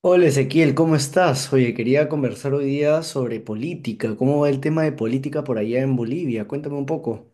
Hola Ezequiel, ¿cómo estás? Oye, quería conversar hoy día sobre política. ¿Cómo va el tema de política por allá en Bolivia? Cuéntame un poco.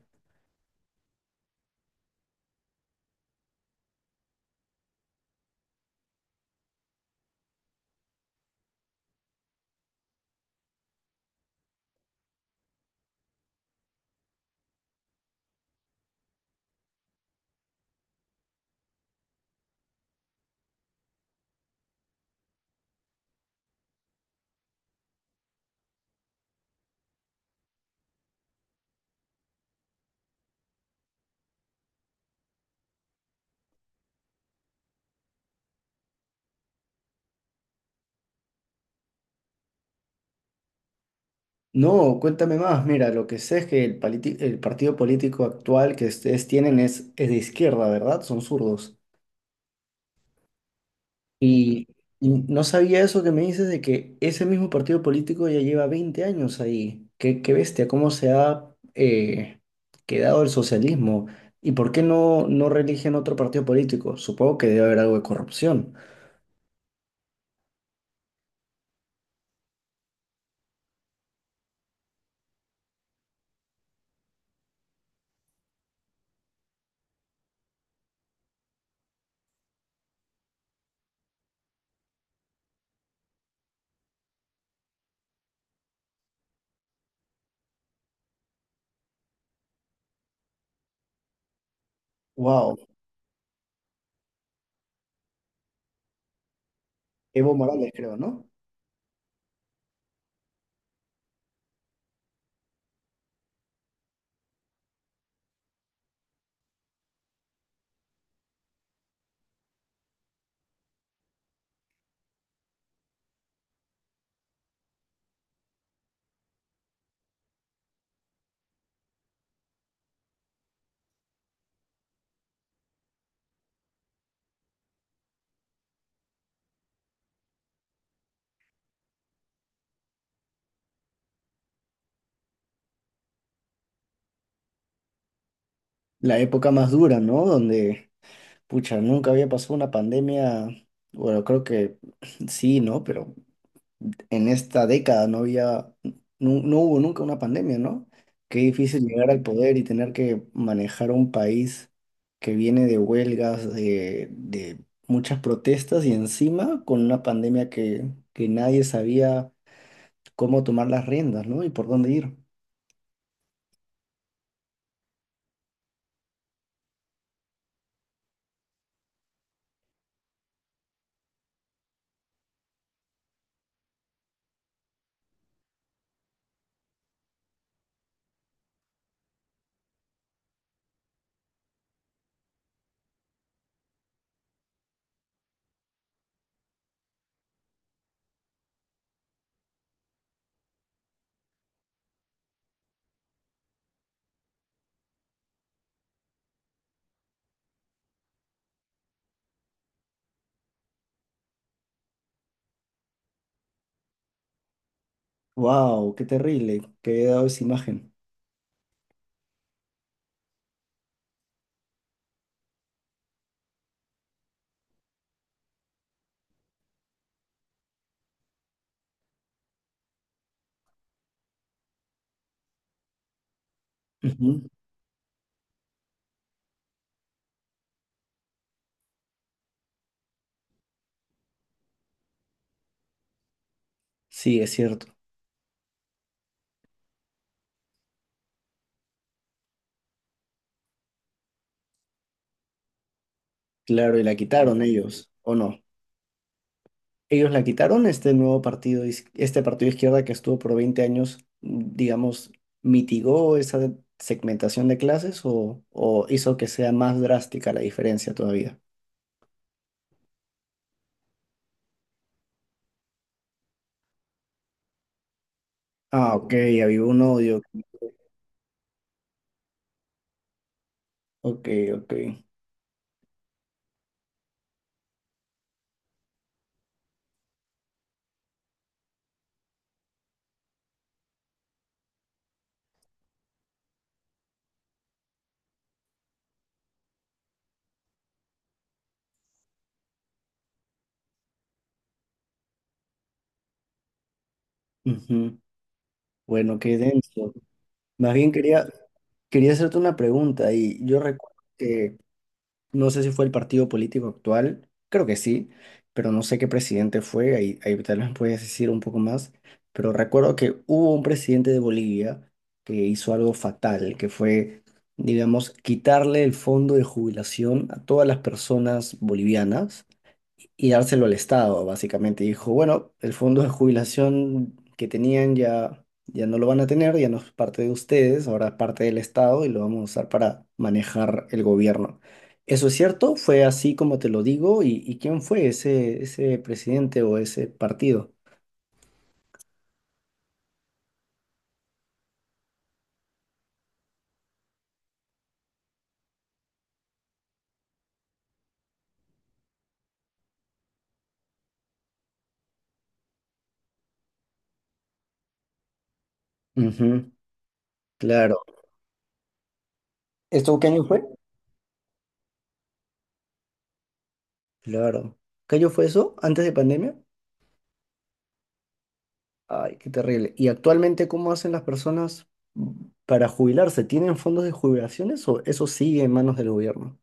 No, cuéntame más. Mira, lo que sé es que el partido político actual que ustedes tienen es de izquierda, ¿verdad? Son zurdos. Y, y no sabía eso que me dices de que ese mismo partido político ya lleva 20 años ahí. Qué bestia, cómo se ha quedado el socialismo. ¿Y por qué no reeligen otro partido político? Supongo que debe haber algo de corrupción. Wow. Evo Morales creo, ¿no? La época más dura, ¿no? Donde, pucha, nunca había pasado una pandemia, bueno, creo que sí, ¿no? Pero en esta década no hubo nunca una pandemia, ¿no? Qué difícil llegar al poder y tener que manejar un país que viene de huelgas, de muchas protestas y encima con una pandemia que nadie sabía cómo tomar las riendas, ¿no? Y por dónde ir. Wow, qué terrible, qué había dado esa imagen. Ujú. Sí, es cierto. Claro, y la quitaron ellos, ¿o no? Ellos la quitaron, este nuevo partido, este partido de izquierda que estuvo por 20 años, mm, digamos, mitigó esa segmentación de clases o hizo que sea más drástica la diferencia todavía. Ah, ok, había un odio. Ok, ok. Ujú. Bueno, qué denso. Más bien quería, quería hacerte una pregunta y yo recuerdo que no sé si fue el partido político actual, creo que sí, pero no sé qué presidente fue, ahí tal vez puedes decir un poco más, pero recuerdo que hubo un presidente de Bolivia que hizo algo fatal, que fue, digamos, quitarle el fondo de jubilación a todas las personas bolivianas y dárselo al Estado, básicamente. Dijo, bueno, el fondo de jubilación que tenían ya no lo van a tener, ya no es parte de ustedes, ahora es parte del Estado y lo vamos a usar para manejar el gobierno. ¿Eso es cierto? ¿Fue así como te lo digo? Y quién fue ese presidente o ese partido? Ujú, claro. ¿Esto qué año fue? Claro. ¿Qué año fue eso? ¿Antes de pandemia? Ay, qué terrible. ¿Y actualmente cómo hacen las personas para jubilarse? ¿Tienen fondos de jubilaciones o eso sigue en manos del gobierno?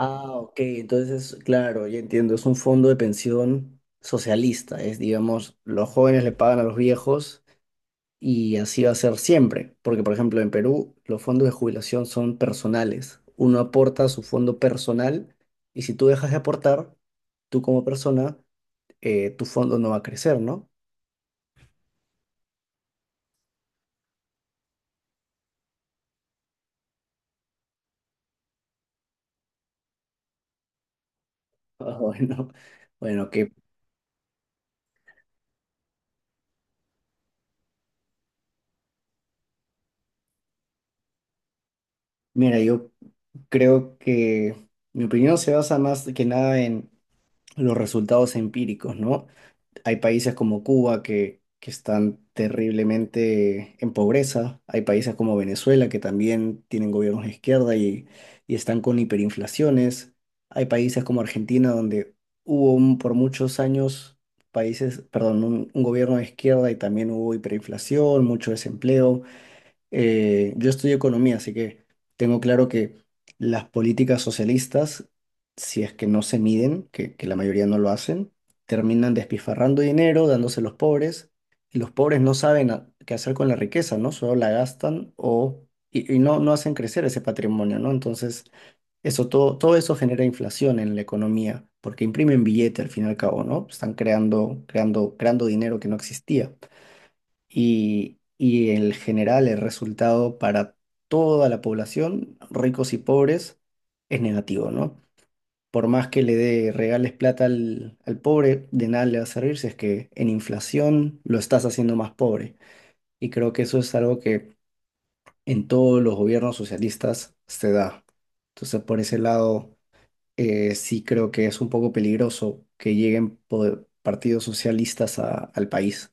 Ah, ok, entonces, claro, ya entiendo, es un fondo de pensión socialista, es, digamos, los jóvenes le pagan a los viejos y así va a ser siempre, porque, por ejemplo, en Perú los fondos de jubilación son personales, uno aporta a su fondo personal y si tú dejas de aportar, tú como persona, tu fondo no va a crecer, ¿no? Ah, bueno, bueno, que mira, yo creo que mi opinión se basa más que nada en los resultados empíricos, ¿no? Hay países como Cuba que están terriblemente en pobreza, hay países como Venezuela que también tienen gobiernos de izquierda y están con hiperinflaciones, hay países como Argentina donde por muchos años perdón, un gobierno de izquierda y también hubo hiperinflación, mucho desempleo. Yo estudio economía, así que tengo claro que las políticas socialistas, si es que no se miden, que la mayoría no lo hacen, terminan despifarrando dinero, dándose a los pobres, y los pobres no saben qué hacer con la riqueza, ¿no? Solo la gastan o, y, no hacen crecer ese patrimonio, ¿no? Entonces, eso, todo eso genera inflación en la economía, porque imprimen billete al fin y al cabo, ¿no? Están creando dinero que no existía y en general el resultado para toda la población, ricos y pobres, es negativo, ¿no? Por más que le regales plata al pobre, de nada le va a servir si es que en inflación lo estás haciendo más pobre. Y creo que eso es algo que en todos los gobiernos socialistas se da. Entonces, por ese lado, sí creo que es un poco peligroso que lleguen partidos socialistas al país.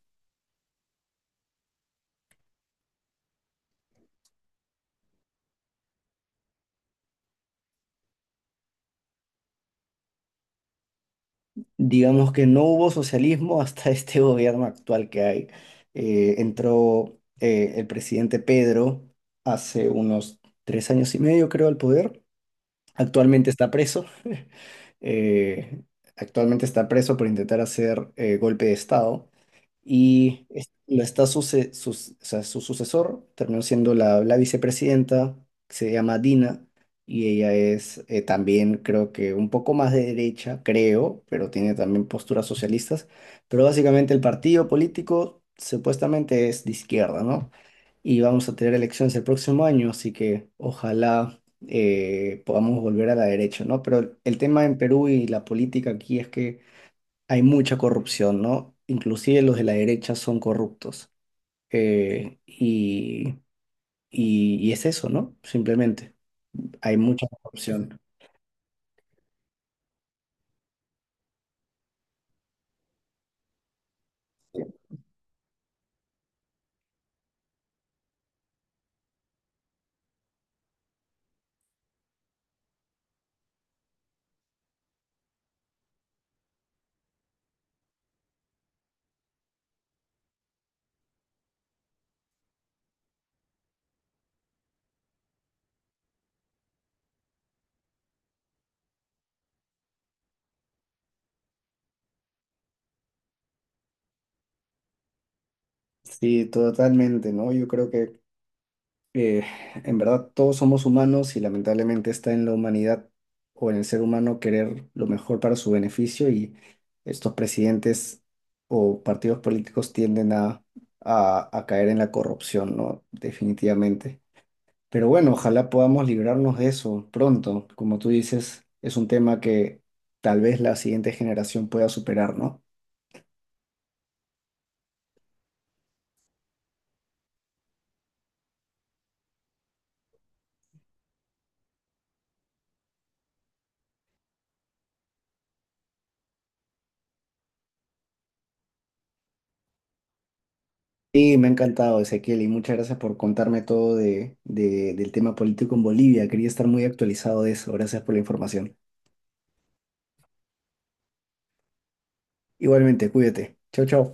Digamos que no hubo socialismo hasta este gobierno actual que hay. Entró el presidente Pedro hace unos 3 años y medio, creo, al poder. Actualmente está preso. Eh, actualmente está preso por intentar hacer golpe de Estado y es- la está suce- sus- o sea, su sucesor terminó siendo la vicepresidenta, que se llama Dina, y ella es también creo que un poco más de derecha, creo, pero tiene también posturas socialistas, pero básicamente el partido político supuestamente es de izquierda, ¿no? Y vamos a tener elecciones el próximo año, así que ojalá podamos volver a la derecha, ¿no? Pero el tema en Perú y la política aquí es que hay mucha corrupción, ¿no? Inclusive los de la derecha son corruptos. Y, y es eso, ¿no? Simplemente, hay mucha corrupción. Sí, totalmente, ¿no? Yo creo que eh, en verdad todos somos humanos y lamentablemente está en la humanidad o en el ser humano querer lo mejor para su beneficio y estos presidentes o partidos políticos tienden a caer en la corrupción, ¿no? Definitivamente. Pero bueno, ojalá podamos librarnos de eso pronto. Como tú dices, es un tema que tal vez la siguiente generación pueda superar, ¿no? Y me ha encantado, Ezequiel, y muchas gracias por contarme todo del tema político en Bolivia. Quería estar muy actualizado de eso. Gracias por la información. Igualmente, cuídate. Chau, chau.